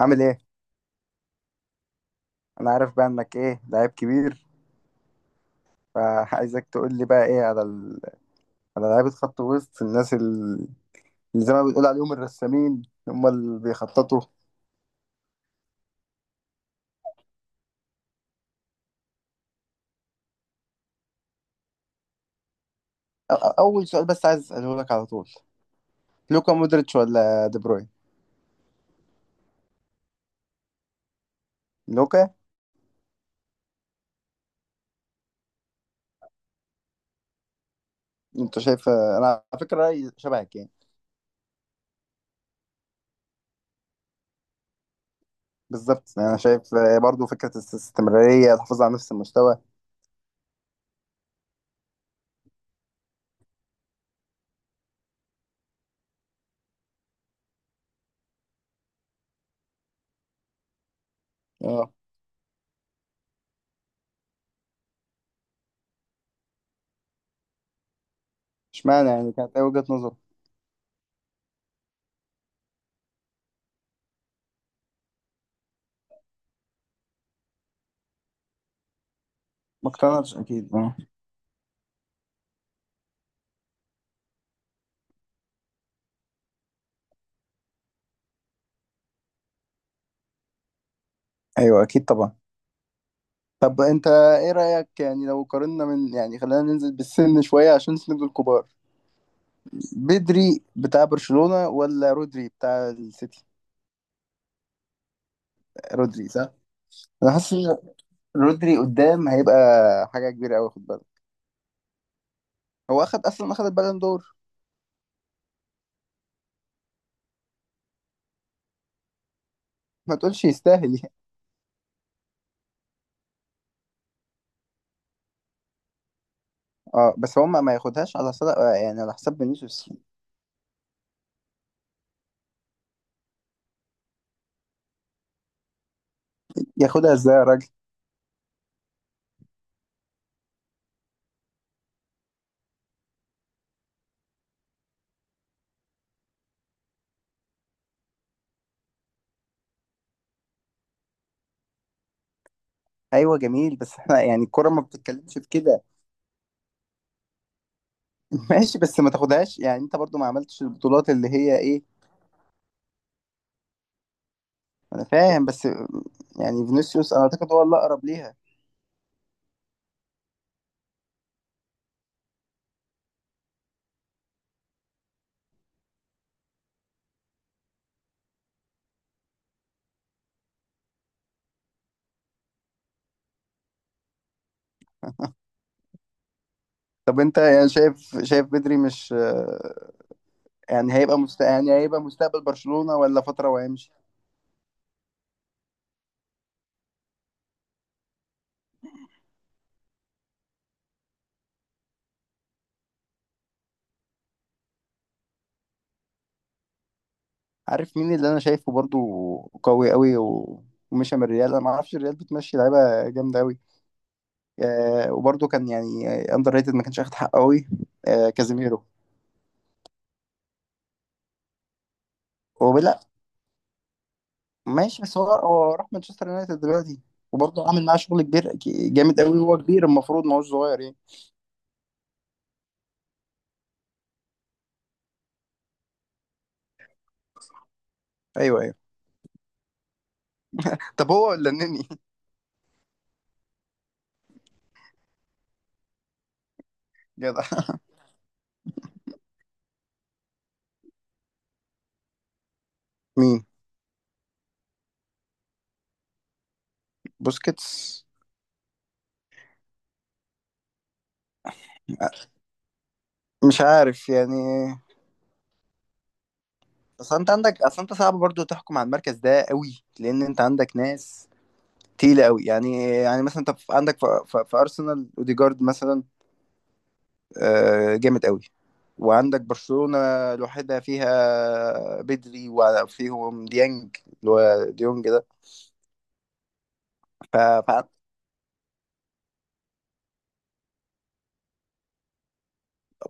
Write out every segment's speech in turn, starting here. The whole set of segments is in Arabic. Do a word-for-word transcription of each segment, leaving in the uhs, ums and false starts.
عامل ايه؟ انا عارف بقى انك ايه لعيب كبير، فعايزك تقول لي بقى ايه على ال... على لعيبه خط وسط الناس ال- اللي زي ما بتقول عليهم الرسامين، هم اللي بيخططوا. أ- أ- اول سؤال بس عايز اساله لك على طول: لوكا مودريتش ولا دي بروين؟ لوكا. انت شايف، انا على فكره رايي شبهك يعني. بالظبط، يعني انا شايف برضو فكره الاستمراريه، الحفاظ على نفس المستوى. اه، اشمعنى يعني؟ كانت ايه وجهه نظر؟ ما اقتنعتش اكيد، اه. ايوه اكيد طبعا. طب انت ايه رأيك يعني لو قارنا من يعني؟ خلينا ننزل بالسن شوية عشان نسند الكبار. بدري بتاع برشلونة ولا رودري بتاع السيتي؟ رودري، صح. انا حاسس ان رودري قدام هيبقى حاجة كبيرة قوي، خد بالك. هو اخد اصلا اخد البالون دور. ما تقولش يستاهل يعني. اه، بس هو ما ما ياخدهاش على صدق يعني، على حساب فينيسيوس. ياخدها ازاي يا راجل؟ ايوه جميل، بس احنا يعني الكرة ما بتتكلمش في كده. ماشي، بس ما تاخدهاش يعني، انت برضو ما عملتش البطولات اللي هي ايه. انا فاهم، بس يعني فينيسيوس انا اعتقد هو اللي اقرب ليها. طب انت يعني شايف شايف بدري مش... يعني هيبقى مست... يعني هيبقى مستقبل برشلونة ولا فترة وهيمشي؟ عارف مين اللي انا شايفه برضو قوي قوي و... ومشى من الريال؟ انا ما اعرفش الريال بتمشي لعيبه جامده قوي. آه، وبرضو كان يعني اندر ريتد، ما كانش اخد حقه قوي. آه، كازيميرو. هو، لا. ماشي، بس هو هو راح مانشستر يونايتد دلوقتي، وبرضه عامل معاه شغل كبير، ك- جامد قوي، وهو كبير، المفروض ما هوش صغير يعني. ايوه، ايوه. طب هو ولا النني؟ جدع مين؟ بوسكيتس. آه، مش عارف يعني. اصل انت عندك، اصل انت صعب برضو تحكم على المركز ده قوي، لان انت عندك ناس تقيلة قوي، يعني يعني مثلا انت في- عندك في, في, في ارسنال اوديجارد مثلا، آه، جامد قوي. وعندك برشلونة لوحدها، فيها بدري، وفيهم ديانج اللي هو ديونج ده. ف... ف...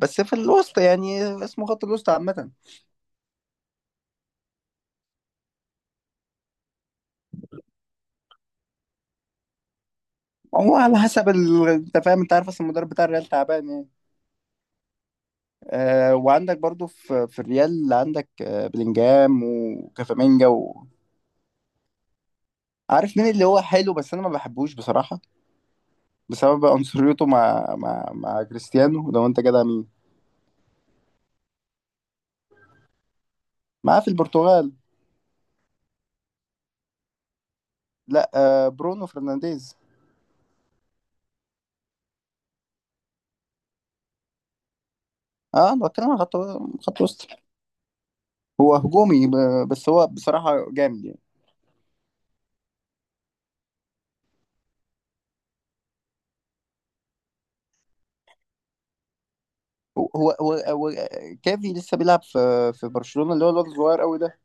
بس في الوسط يعني، اسمه خط الوسط عامة. هو على حسب ال... انت فاهم، انت عارف، اصل المدرب بتاع الريال تعبان يعني. آه، وعندك برضو في في الريال، اللي عندك آه بلينجهام وكافامينجا و... عارف مين اللي هو حلو بس انا ما بحبوش بصراحة، بسبب عنصريته مع مع مع كريستيانو؟ لو انت جدع، مين معاه في البرتغال؟ لا، آه، برونو فرنانديز. اه، انا بتكلم عن خط خط وسط. هو هجومي، ب- بس هو بصراحة جامد يعني. هو هو هو هو كافي لسه بيلعب في في برشلونة، اللي هو الواد الصغير قوي ده.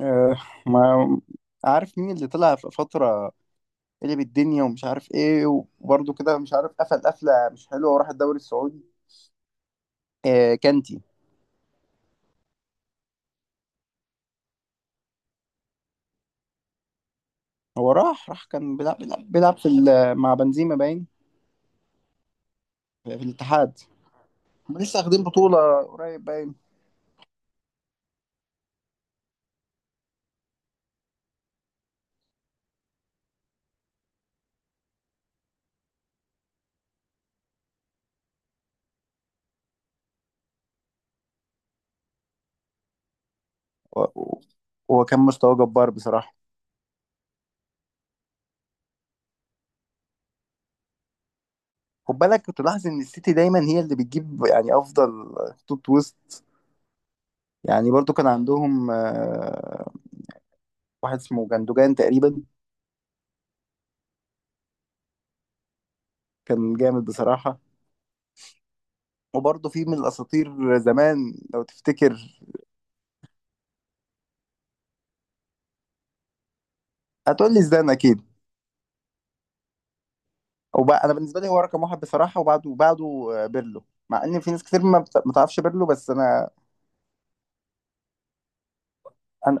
آه، ما عارف مين اللي طلع في فترة قلب الدنيا ومش عارف ايه، وبرده كده مش عارف، قفل قفله مش حلوه، وراح الدوري السعودي. آه، كانتي. هو راح راح كان بيلعب بيلعب, بيلعب في ال- مع بنزيما باين، في في الاتحاد. هم لسه واخدين بطوله قريب باين. و- و- هو كان مستواه جبار بصراحه. خد بالك، كنت لاحظ ان السيتي دايما هي اللي بتجيب يعني افضل خطوط وسط. يعني برضو كان عندهم آه، واحد اسمه جندوجان تقريبا، كان جامد بصراحه. وبرضه في من الاساطير زمان لو تفتكر. هتقول لي زدان اكيد؟ وبقى انا بالنسبه لي هو رقم واحد بصراحه، وبعده وبعده آه، بيرلو، مع ان في ناس كتير ما بت- ما تعرفش بيرلو، بس انا انا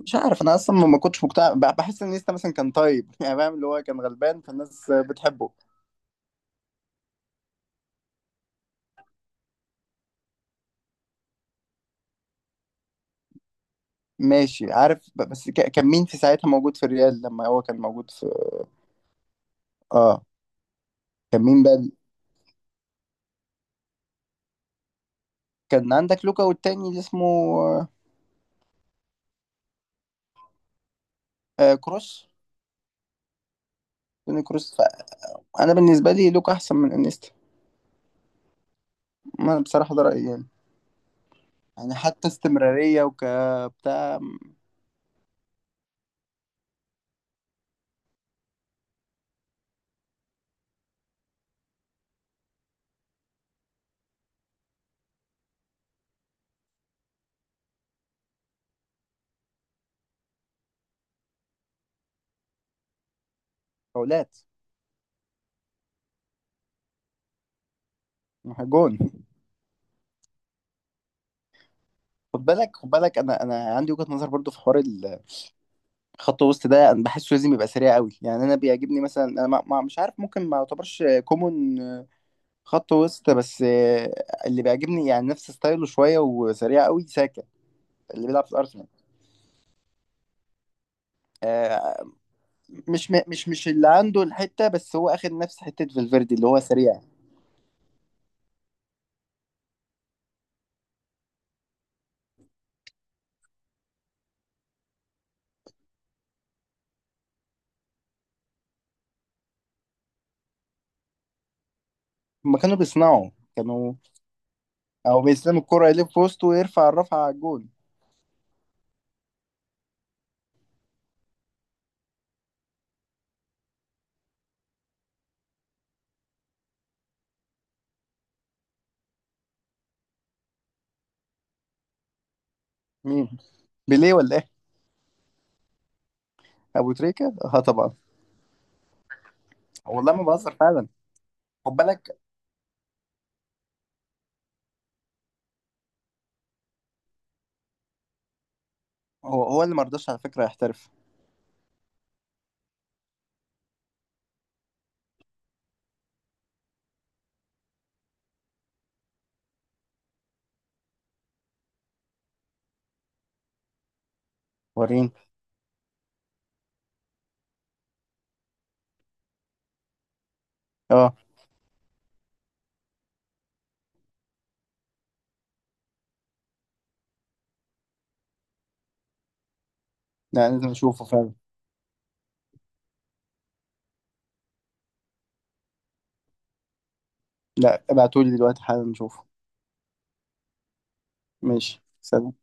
مش عارف، انا اصلا ما كنتش مقتنع، ب- بحس ان نيستا مثلا كان طيب. يعني فاهم، اللي هو كان غلبان فالناس آه، بتحبه. ماشي، عارف، ب- بس ك- كان مين في ساعتها موجود في الريال لما هو كان موجود في...؟ اه، كان مين بقى؟ كان عندك لوكا والتاني اللي اسمه... آه، كروس. توني كروس. فانا بالنسبه لي لوكا احسن من انيستا. انا بصراحه ده رايي يعني، يعني حتى استمراريه وكبتاع. فاولات. جون. خد بالك، خد بالك انا انا عندي وجهة نظر برضو في حوار ال- خط وسط ده. انا بحسه لازم يبقى سريع قوي، يعني انا بيعجبني مثلا، انا ما ما- مش عارف، ممكن ما يعتبرش كومون خط وسط، بس اللي بيعجبني يعني نفس ستايله شوية وسريع قوي، ساكا اللي بيلعب في ارسنال. آه، مش مش مش اللي عنده الحتة بس، هو اخد نفس حتة، فالفيردي اللي هو سريع. هما كانوا بيصنعوا، كانوا... او بيستلم الكرة، يلف في وسطه، ويرفع الرفعة على الجول. مين؟ بيليه ولا ايه؟ ابو تريكة، اه طبعا. والله ما بهزر فعلا. خد بالك، هو هو اللي مرضاش على فكرة يحترف. وريني. اه لا، لازم اشوفه فعلا. لا، ابعتولي دلوقتي حالا نشوفه. ماشي، سلام.